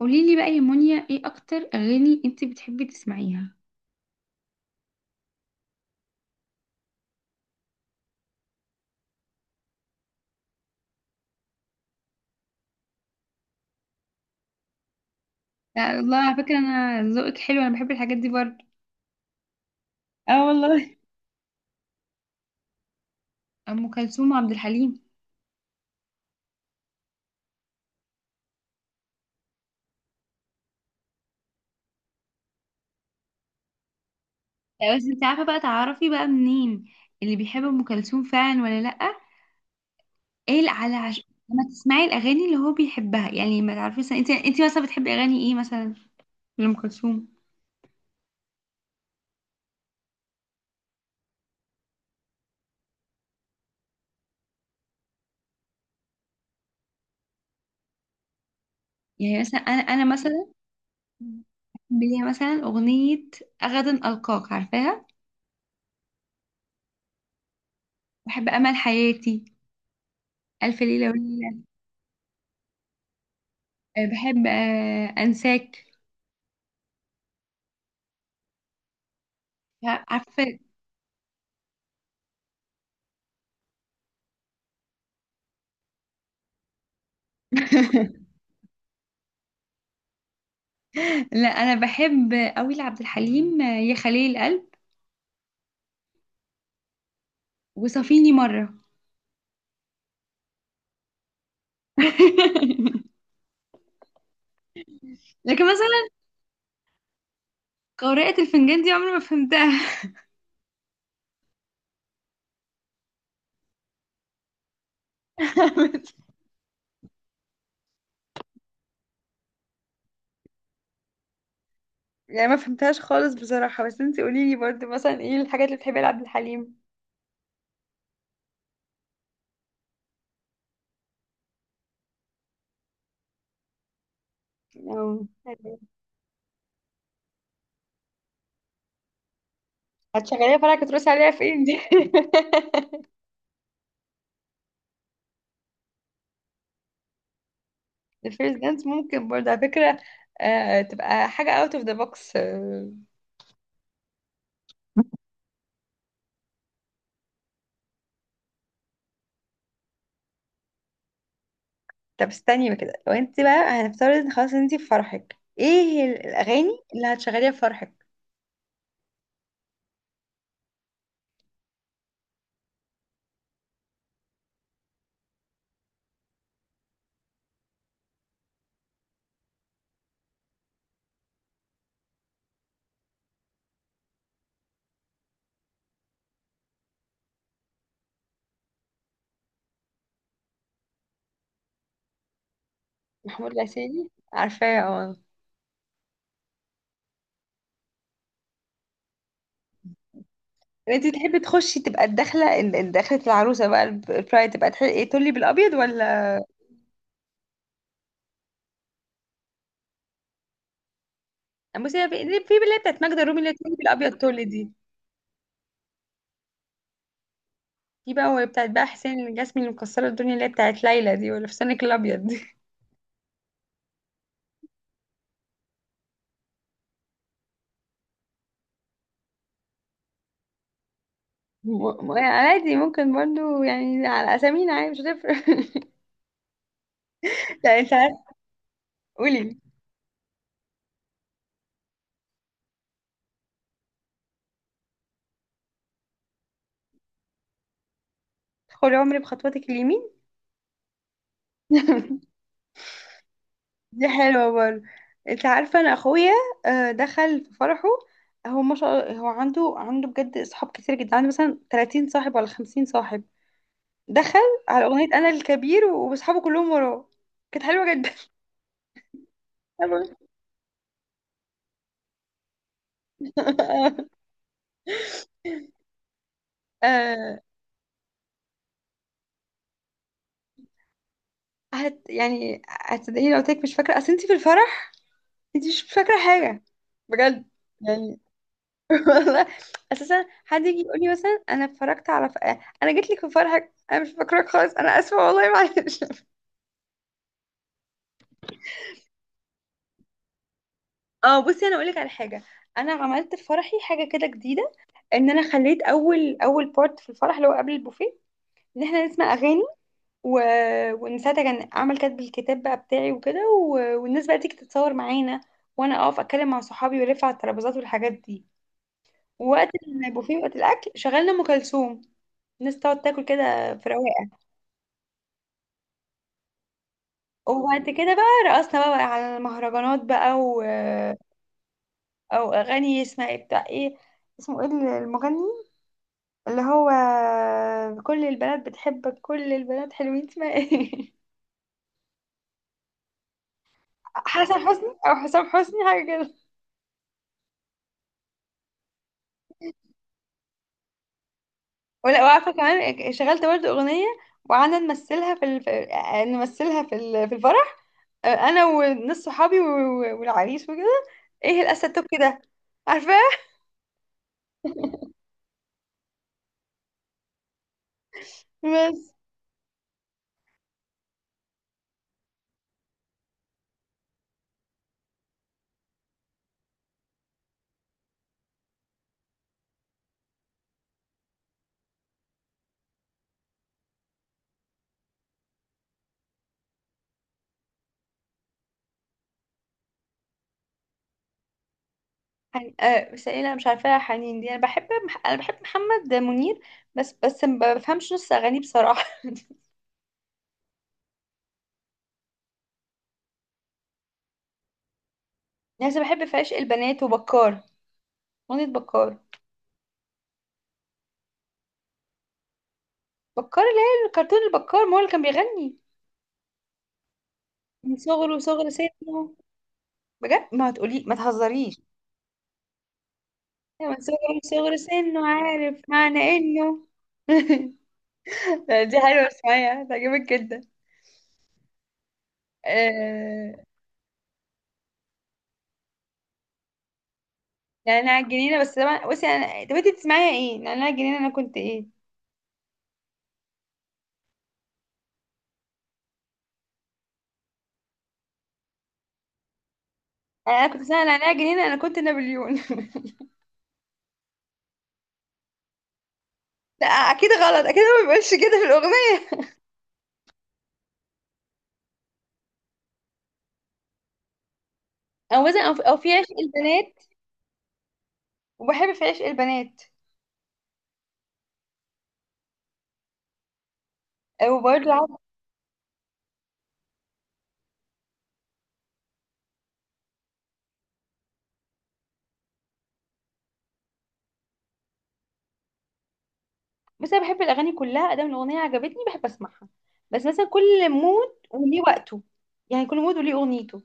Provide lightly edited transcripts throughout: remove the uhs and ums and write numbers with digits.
قولي لي بقى يا مونيا، ايه اكتر اغاني انت بتحبي تسمعيها؟ لا والله، على فكره انا ذوقك حلو، انا بحب الحاجات دي برضه. اه والله. ام كلثوم وعبد الحليم. لا بس انت عارفه بقى، تعرفي بقى منين اللي بيحب ام كلثوم فعلا ولا لا؟ ايه اللي على عش... لما تسمعي الاغاني اللي هو بيحبها يعني ما تعرفيش، انت مثلا بتحبي اغاني ايه مثلا؟ لام كلثوم. يعني مثلا انا مثلا بحب ليها مثلا اغنيه غدا القاك، عارفاها. بحب امل حياتي، الف ليله وليله. بحب، انساك. لا، عارفه. لا، انا بحب قوي لعبد الحليم. يا خليل القلب، وصافيني مره. لكن مثلا قارئة الفنجان دي عمري ما فهمتها. يعني ما فهمتهاش خالص بصراحة، بس انتي قوليلي برضه مثلا ايه الحاجات اللي بتحبيها لعبد الحليم. أو- هتشغليها فرقة تروسي عليها؟ فين دي؟ الفيرست دانس ممكن برضه على فكرة. تبقى حاجة out of the box. طب استني بقى كده، لو انت بقى هنفترض ان خلاص انت في فرحك، ايه هي الاغاني اللي هتشغليها في فرحك؟ محمود العسيلي عارفاه، اه. انت تحبي تخشي تبقى الدخله، دخله العروسه بقى، البرايد تبقى ايه، تولي بالابيض ولا؟ بصي هي في اللي هي بتاعت ماجدة الرومي، اللي هي تولي بالابيض، تولي دي. في بقى وهي بتاعت بقى حسين الجسمي، اللي مكسره الدنيا، اللي هي بتاعت ليلى دي، ولا فستانك الابيض دي. يعني عادي، ممكن برضو، يعني على اسامينا عادي مش هتفرق. لا، قولي. خدي عمري بخطواتك اليمين. دي حلوة برضه. انت عارفة انا اخويا، دخل في فرحه. هو ما شاء الله، هو عنده بجد اصحاب كتير جدا، عنده مثلا 30 صاحب ولا 50 صاحب. دخل على اغنية انا الكبير واصحابه كلهم وراه. كانت حلوة جدا. حلوة. آه، يعني هتصدقيني لو قلت لك مش فاكرة؟ اصل انت في الفرح انت مش فاكرة حاجة، بجد، يعني. والله، اساسا حد يجي يقول لي مثلا انا اتفرجت على انا جيت لك في فرحك انا مش فاكراك خالص، انا اسفه والله، معلش. اه، بصي انا اقولك على حاجه. انا عملت في فرحي حاجه كده جديده، ان انا خليت اول بارت في الفرح اللي هو قبل البوفيه، ان احنا نسمع اغاني و... وان ساعتها كان اعمل كاتب الكتاب بقى بتاعي وكده والناس بقى تيجي تتصور معانا، وانا اقف اتكلم مع صحابي والف على الترابيزات والحاجات دي. ووقت البوفيه، وقت الاكل، شغلنا ام كلثوم الناس تقعد تاكل كده في رواقه. وبعد كده بقى، رقصنا بقى على المهرجانات بقى او اغاني اسمها ايه، بتاع ايه، اسمه ايه المغني، اللي هو كل البنات بتحبك، كل البنات حلوين، اسمها ايه؟ حسن حسني او حسام حسني، حاجه كده. ولا وعارفه كمان، شغلت برضه اغنيه وقعدنا نمثلها في نمثلها في الفرح، انا وناس صحابي والعريس وكده. ايه الاسد توب كده، عارفاه. بس حن... آه بس ايه، انا مش عارفاها حنين دي. انا بحب محمد منير، بس ما بفهمش نص اغانيه بصراحه. يعني أنا بحب في عشق البنات وبكار، اغنيه بكار. بكار اللي هي الكرتون، البكار ما هو اللي كان بيغني من صغره، صغر سنه، بجد، ما تقولي ما تهزريش، من صغره صغر سنه عارف معنى انه. دي حلوه، اسمعيها تعجبك جدا. آه... نعناع الجنينه بس، طبعا بصي انا، طب انت بتسمعيها ايه نعناع الجنينه، انا كنت ايه؟ انا كنت بسمع نعناع الجنينه انا كنت نابليون. لا اكيد غلط، اكيد هو ما بيقولش كده في الاغنيه. او مثلا او في أو في عشق البنات، وبحب في عشق البنات. وبرضه بس انا بحب الاغاني كلها، ادام الاغنيه عجبتني بحب اسمعها. بس مثلا كل مود وليه وقته، يعني كل مود وليه اغنيته.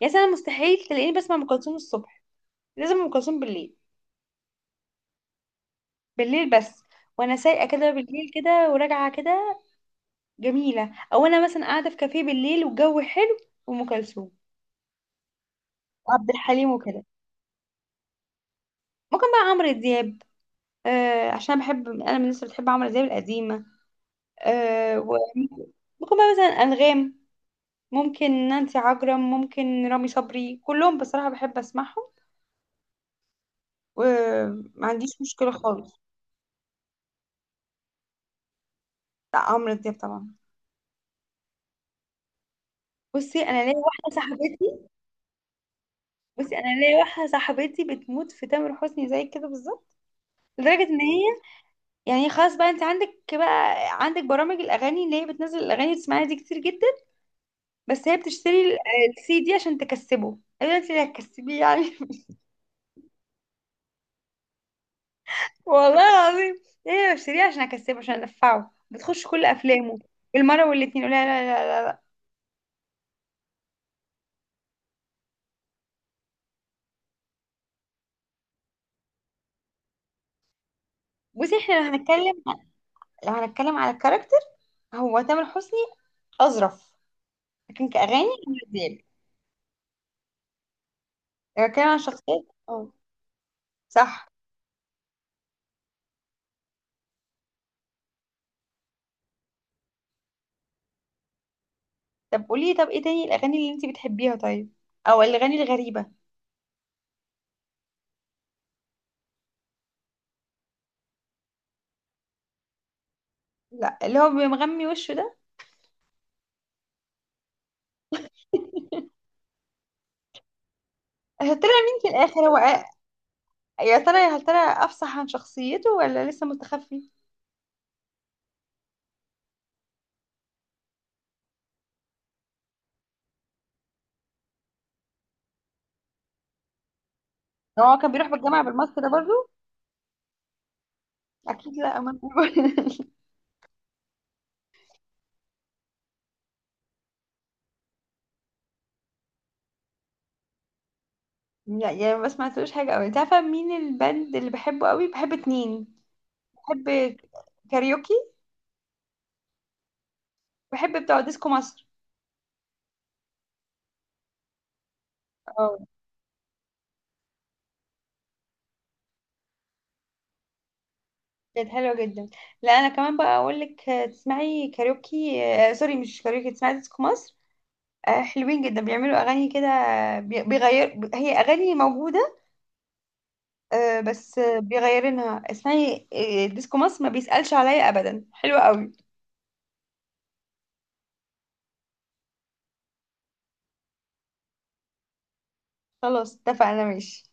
يعني مثلا مستحيل تلاقيني بسمع ام كلثوم الصبح، لازم ام كلثوم بالليل، بالليل بس. وانا سايقه كده بالليل كده، وراجعه كده جميله، او انا مثلا قاعده في كافيه بالليل والجو حلو، وام كلثوم وعبد الحليم وكده. ممكن بقى عمرو دياب، عشان بحب انا، من الناس اللي بتحب عمرو دياب القديمه. وممكن بقى مثلا انغام، ممكن نانسي عجرم، ممكن رامي صبري، كلهم بصراحة بحب اسمعهم وما عنديش مشكلة خالص. لا، عمرو دياب طبعا. بصي انا ليا واحدة صاحبتي بصي انا ليا واحدة صاحبتي بتموت في تامر حسني زي كده بالظبط، لدرجة ان هي يعني خلاص بقى، انت عندك برامج الاغاني اللي هي بتنزل الاغاني وتسمعيها دي كتير جدا، بس هي بتشتري السي دي عشان تكسبه. ايوه، انت اللي هتكسبيه يعني. والله العظيم، هي بشتريه عشان اكسبه، عشان ادفعه. بتخش كل افلامه بالمرة والاتنين. لا لا لا لا. بصي، احنا لو هنتكلم، على الكاركتر، هو تامر حسني أظرف، لكن كأغاني عمرو دياب. لو هنتكلم عن شخصيات، اه، صح. طب قولي، ايه تاني الأغاني اللي انتي بتحبيها طيب؟ او الأغاني الغريبة؟ لا، اللي هو بيمغمي وشه ده. يا ترى مين في الآخر، هو يا ترى أفصح عن شخصيته ولا لسه مستخفي؟ هو كان بيروح بالجامعة بالماسك ده برضه؟ أكيد لا، أمان. لا يعني ما سمعتلوش حاجة أوي. انت عارفة مين البند اللي بحبه أوي؟ بحب اتنين. بحب كاريوكي، بحب بتوع ديسكو مصر. اه كانت حلوة جدا. لا انا كمان بقى اقول لك، تسمعي كاريوكي. سوري، مش كاريوكي، تسمعي ديسكو مصر. حلوين جدا، بيعملوا اغاني كده، بيغير، هي اغاني موجودة، بس بيغيرينها. اسمعي ديسكو مصر ما بيسألش عليا ابدا، حلوة قوي. خلاص اتفقنا ماشي.